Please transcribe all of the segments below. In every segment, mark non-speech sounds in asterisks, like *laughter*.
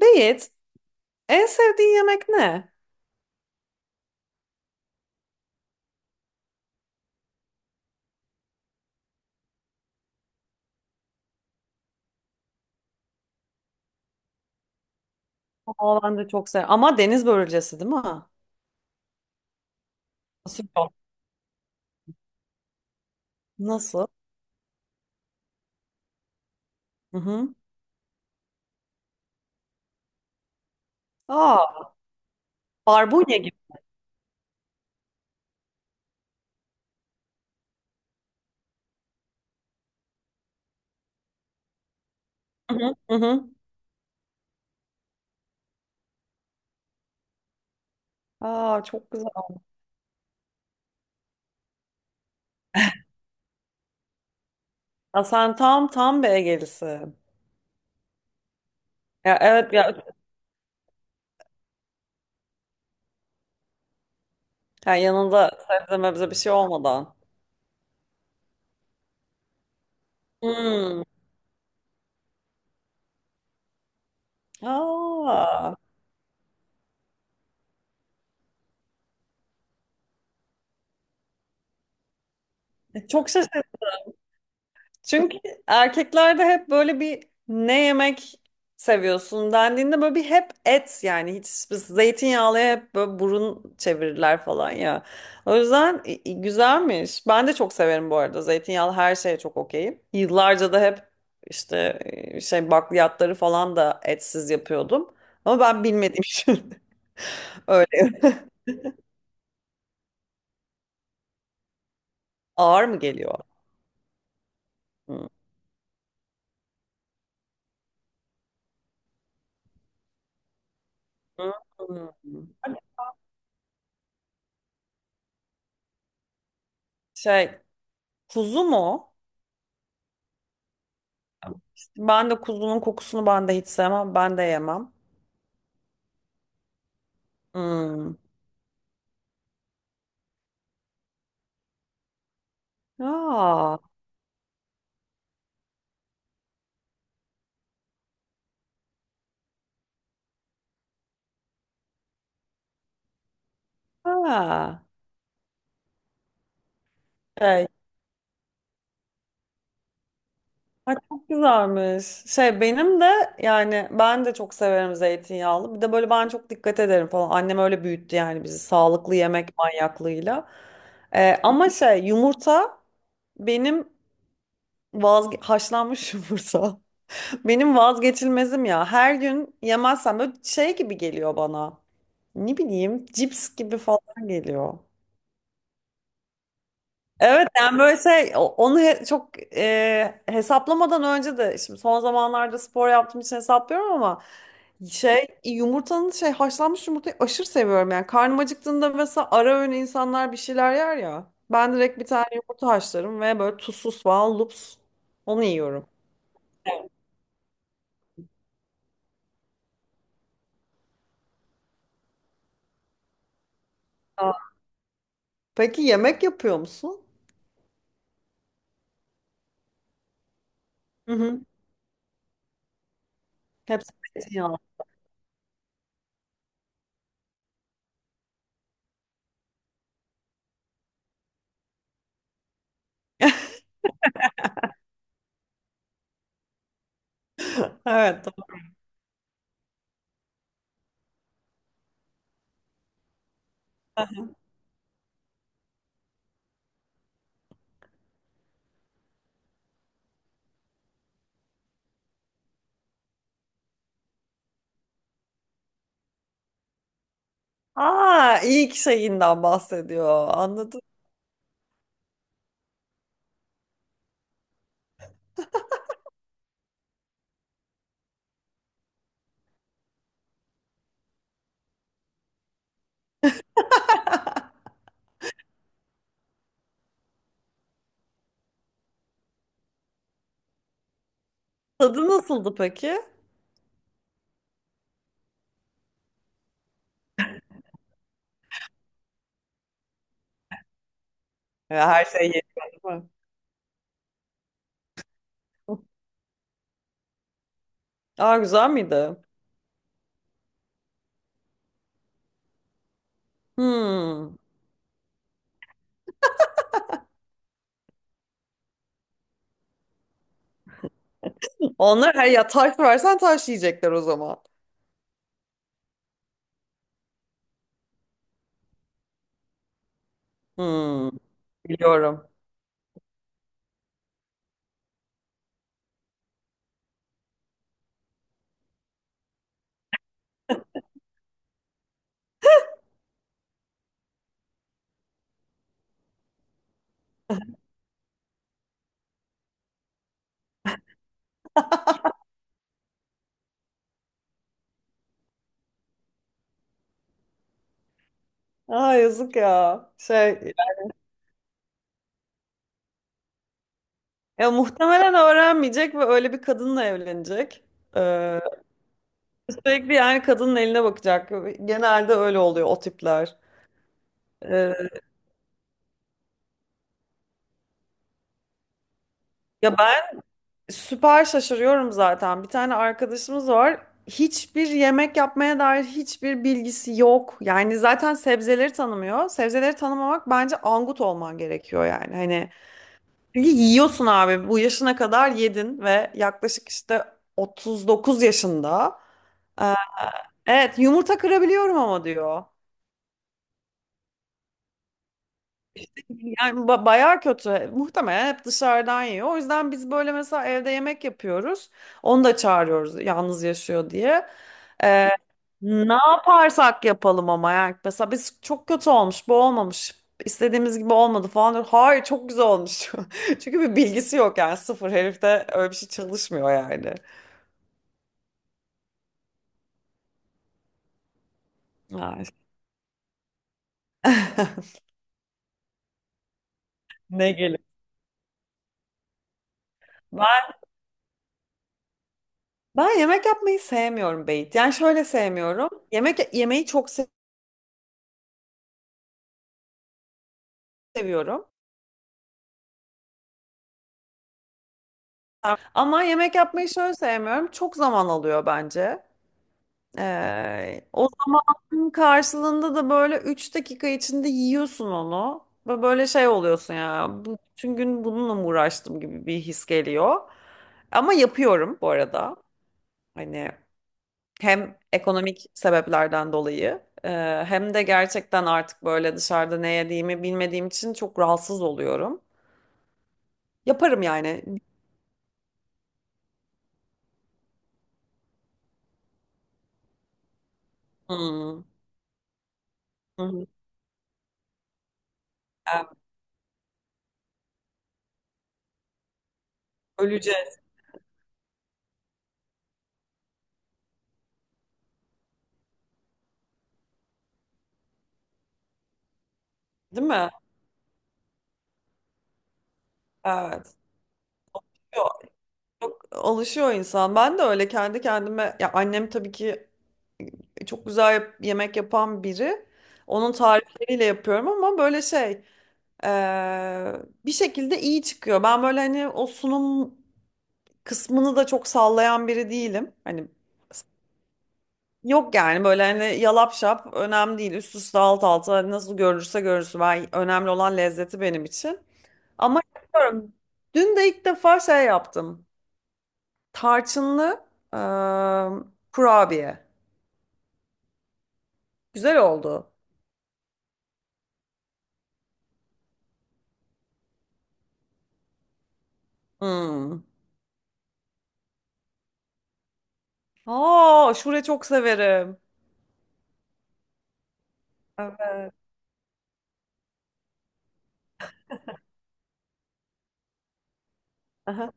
Beyit, en sevdiğin yemek ne? Aa, ben de çok seviyorum. Ama deniz börülcesi değil mi? Nasıl? Yok? Nasıl? Hı hı. Aa, barbunya gibi. Hı hı. Hı hı. Aa, çok güzel. Ya sen tam bir Egelisin. Ya evet ya, ya yanında sebze mebze bir şey olmadan. Hmm. Aa, çok, çünkü erkeklerde hep böyle bir ne yemek seviyorsun dendiğinde böyle bir hep et, yani hiç zeytinyağlıya hep böyle burun çevirirler falan ya. O yüzden güzelmiş. Ben de çok severim bu arada, zeytinyağlı her şeye çok okeyim. Yıllarca da hep işte şey bakliyatları falan da etsiz yapıyordum. Ama ben bilmediğim için *laughs* öyle ağır mı geliyor? Hmm. Hmm. Şey, kuzu mu? İşte ben de kuzunun kokusunu ben de hiç sevmem. Ben de yemem. Hmm. Aa, ha. Şey, ay çok güzelmiş. Şey benim de, yani ben de çok severim zeytinyağlı. Bir de böyle ben çok dikkat ederim falan. Annem öyle büyüttü yani bizi, sağlıklı yemek manyaklığıyla. Ama şey yumurta, benim haşlanmış *laughs* yumurta. Benim vazgeçilmezim ya. Her gün yemezsem böyle şey gibi geliyor bana. Ne bileyim, cips gibi falan geliyor. Evet yani böyle şey onu çok, hesaplamadan önce de, şimdi son zamanlarda spor yaptığım için hesaplıyorum, ama şey yumurtanın, şey haşlanmış yumurtayı aşırı seviyorum yani. Karnım acıktığında mesela ara öğün, insanlar bir şeyler yer ya, ben direkt bir tane yumurta haşlarım ve böyle tuzsuz falan lups onu yiyorum. Aa. Peki yemek yapıyor musun? Hı hı. Hepsi zeytinyağlı. Evet, doğru. Aa, ilk şeyinden bahsediyor, anladım. Tadı nasıldı peki? Ya, her şey yeniyor. Aa, güzel miydi? Hmm. Onlar her, ya taş versen taş yiyecekler o zaman. Hmm. Biliyorum. Aa yazık ya. Şey, ya muhtemelen öğrenmeyecek ve öyle bir kadınla evlenecek. Ee, Sürekli yani kadının eline bakacak. Genelde öyle oluyor o tipler. Ee, Ya süper şaşırıyorum zaten. Bir tane arkadaşımız var. Hiçbir yemek yapmaya dair hiçbir bilgisi yok. Yani zaten sebzeleri tanımıyor. Sebzeleri tanımamak bence angut olman gerekiyor yani. Hani çünkü yiyorsun abi. Bu yaşına kadar yedin ve yaklaşık işte 39 yaşında. Ee, Evet yumurta kırabiliyorum ama diyor. Yani bayağı kötü. Muhtemelen hep dışarıdan yiyor. O yüzden biz böyle mesela evde yemek yapıyoruz. Onu da çağırıyoruz yalnız yaşıyor diye. Ee, Ne yaparsak yapalım ama, yani mesela biz, çok kötü olmuş, bu olmamış. İstediğimiz gibi olmadı falan diyor. Hayır çok güzel olmuş. *laughs* Çünkü bir bilgisi yok yani, sıfır herifte, öyle bir şey çalışmıyor yani. Ay. *laughs* Ne gelir? Ben, Ben yemek yapmayı sevmiyorum Beyt. Yani şöyle sevmiyorum. Yemek yemeği çok seviyorum. Ama yemek yapmayı şöyle sevmiyorum. Çok zaman alıyor bence. O zamanın karşılığında da böyle 3 dakika içinde yiyorsun onu. Ve böyle şey oluyorsun ya. Bütün gün bununla mı uğraştım gibi bir his geliyor. Ama yapıyorum bu arada. Hani hem ekonomik sebeplerden dolayı, hem de gerçekten artık böyle dışarıda ne yediğimi bilmediğim için çok rahatsız oluyorum. Yaparım yani. Hmm. Hı hı. Yani öleceğiz, değil mi? Evet. Yok, yok, alışıyor insan. Ben de öyle kendi kendime, ya annem tabii ki çok güzel yemek yapan biri. Onun tarifleriyle yapıyorum ama böyle şey eee, bir şekilde iyi çıkıyor. Ben böyle hani o sunum kısmını da çok sallayan biri değilim. Hani yok yani, böyle hani yalap şap, önemli değil. Üst üste, alt alta, hani nasıl görünürse görünsün. Ben, önemli olan lezzeti benim için. Ama yapıyorum. Dün de ilk defa şey yaptım. Tarçınlı eee, kurabiye. Güzel oldu. Hmm. Aa, aşure çok severim. Evet. Aha.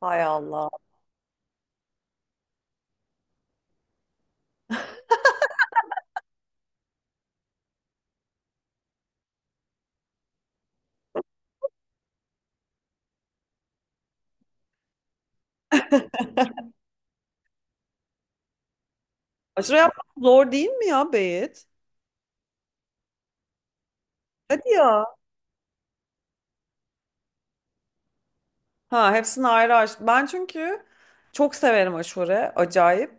Hay Allah. Aşure yapmak zor değil mi ya Beyit? Hadi ya. Ha, hepsini ayrı aç. Ben çünkü çok severim aşure. Acayip.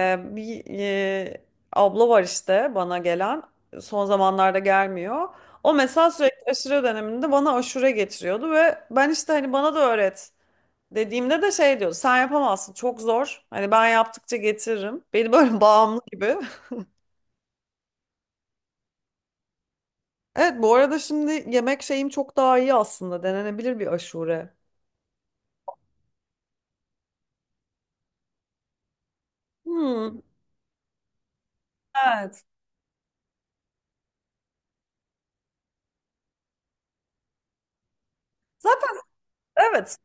Ee, bir e, Abla var işte bana gelen. Son zamanlarda gelmiyor. O mesela sürekli aşure döneminde bana aşure getiriyordu ve ben işte hani bana da öğret. Dediğimde de şey diyor, sen yapamazsın çok zor. Hani ben yaptıkça getiririm. Beni böyle *laughs* bağımlı gibi. *laughs* Evet bu arada şimdi yemek şeyim çok daha iyi aslında. Denenebilir bir aşure. Hmm, evet. Zaten evet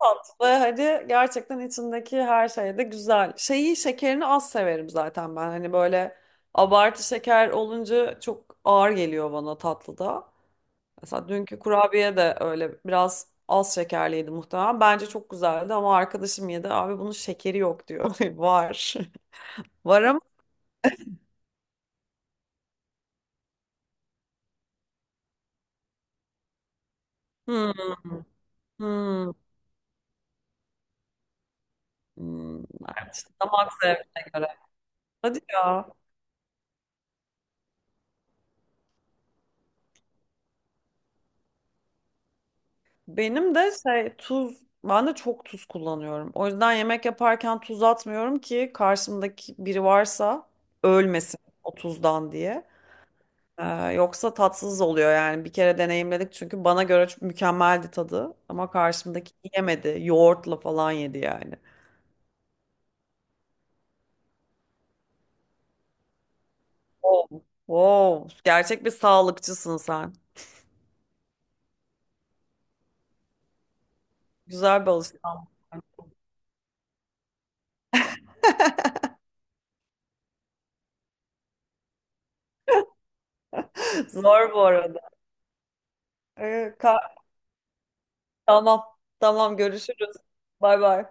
tatlı. Hadi gerçekten içindeki her şey de güzel. Şeyi, şekerini az severim zaten ben. Hani böyle abartı şeker olunca çok ağır geliyor bana tatlıda. Mesela dünkü kurabiye de öyle biraz az şekerliydi muhtemelen. Bence çok güzeldi ama arkadaşım yedi. Abi bunun şekeri yok diyor. *laughs* Var. *laughs* Var ama. Hmm, hmm, hmm. Evet, işte damak zevkine göre. Hadi ya. Benim de şey tuz. Ben de çok tuz kullanıyorum. O yüzden yemek yaparken tuz atmıyorum, ki karşımdaki biri varsa ölmesin o tuzdan diye. Ee, Yoksa tatsız oluyor yani, bir kere deneyimledik çünkü bana göre çok mükemmeldi tadı ama karşımdaki yemedi, yoğurtla falan yedi yani. Wow. Wow. Gerçek bir sağlıkçısın sen. Güzel bir alışkanlık. *laughs* Zor bu arada. Ee, ka- tamam tamam, görüşürüz. Bay bay.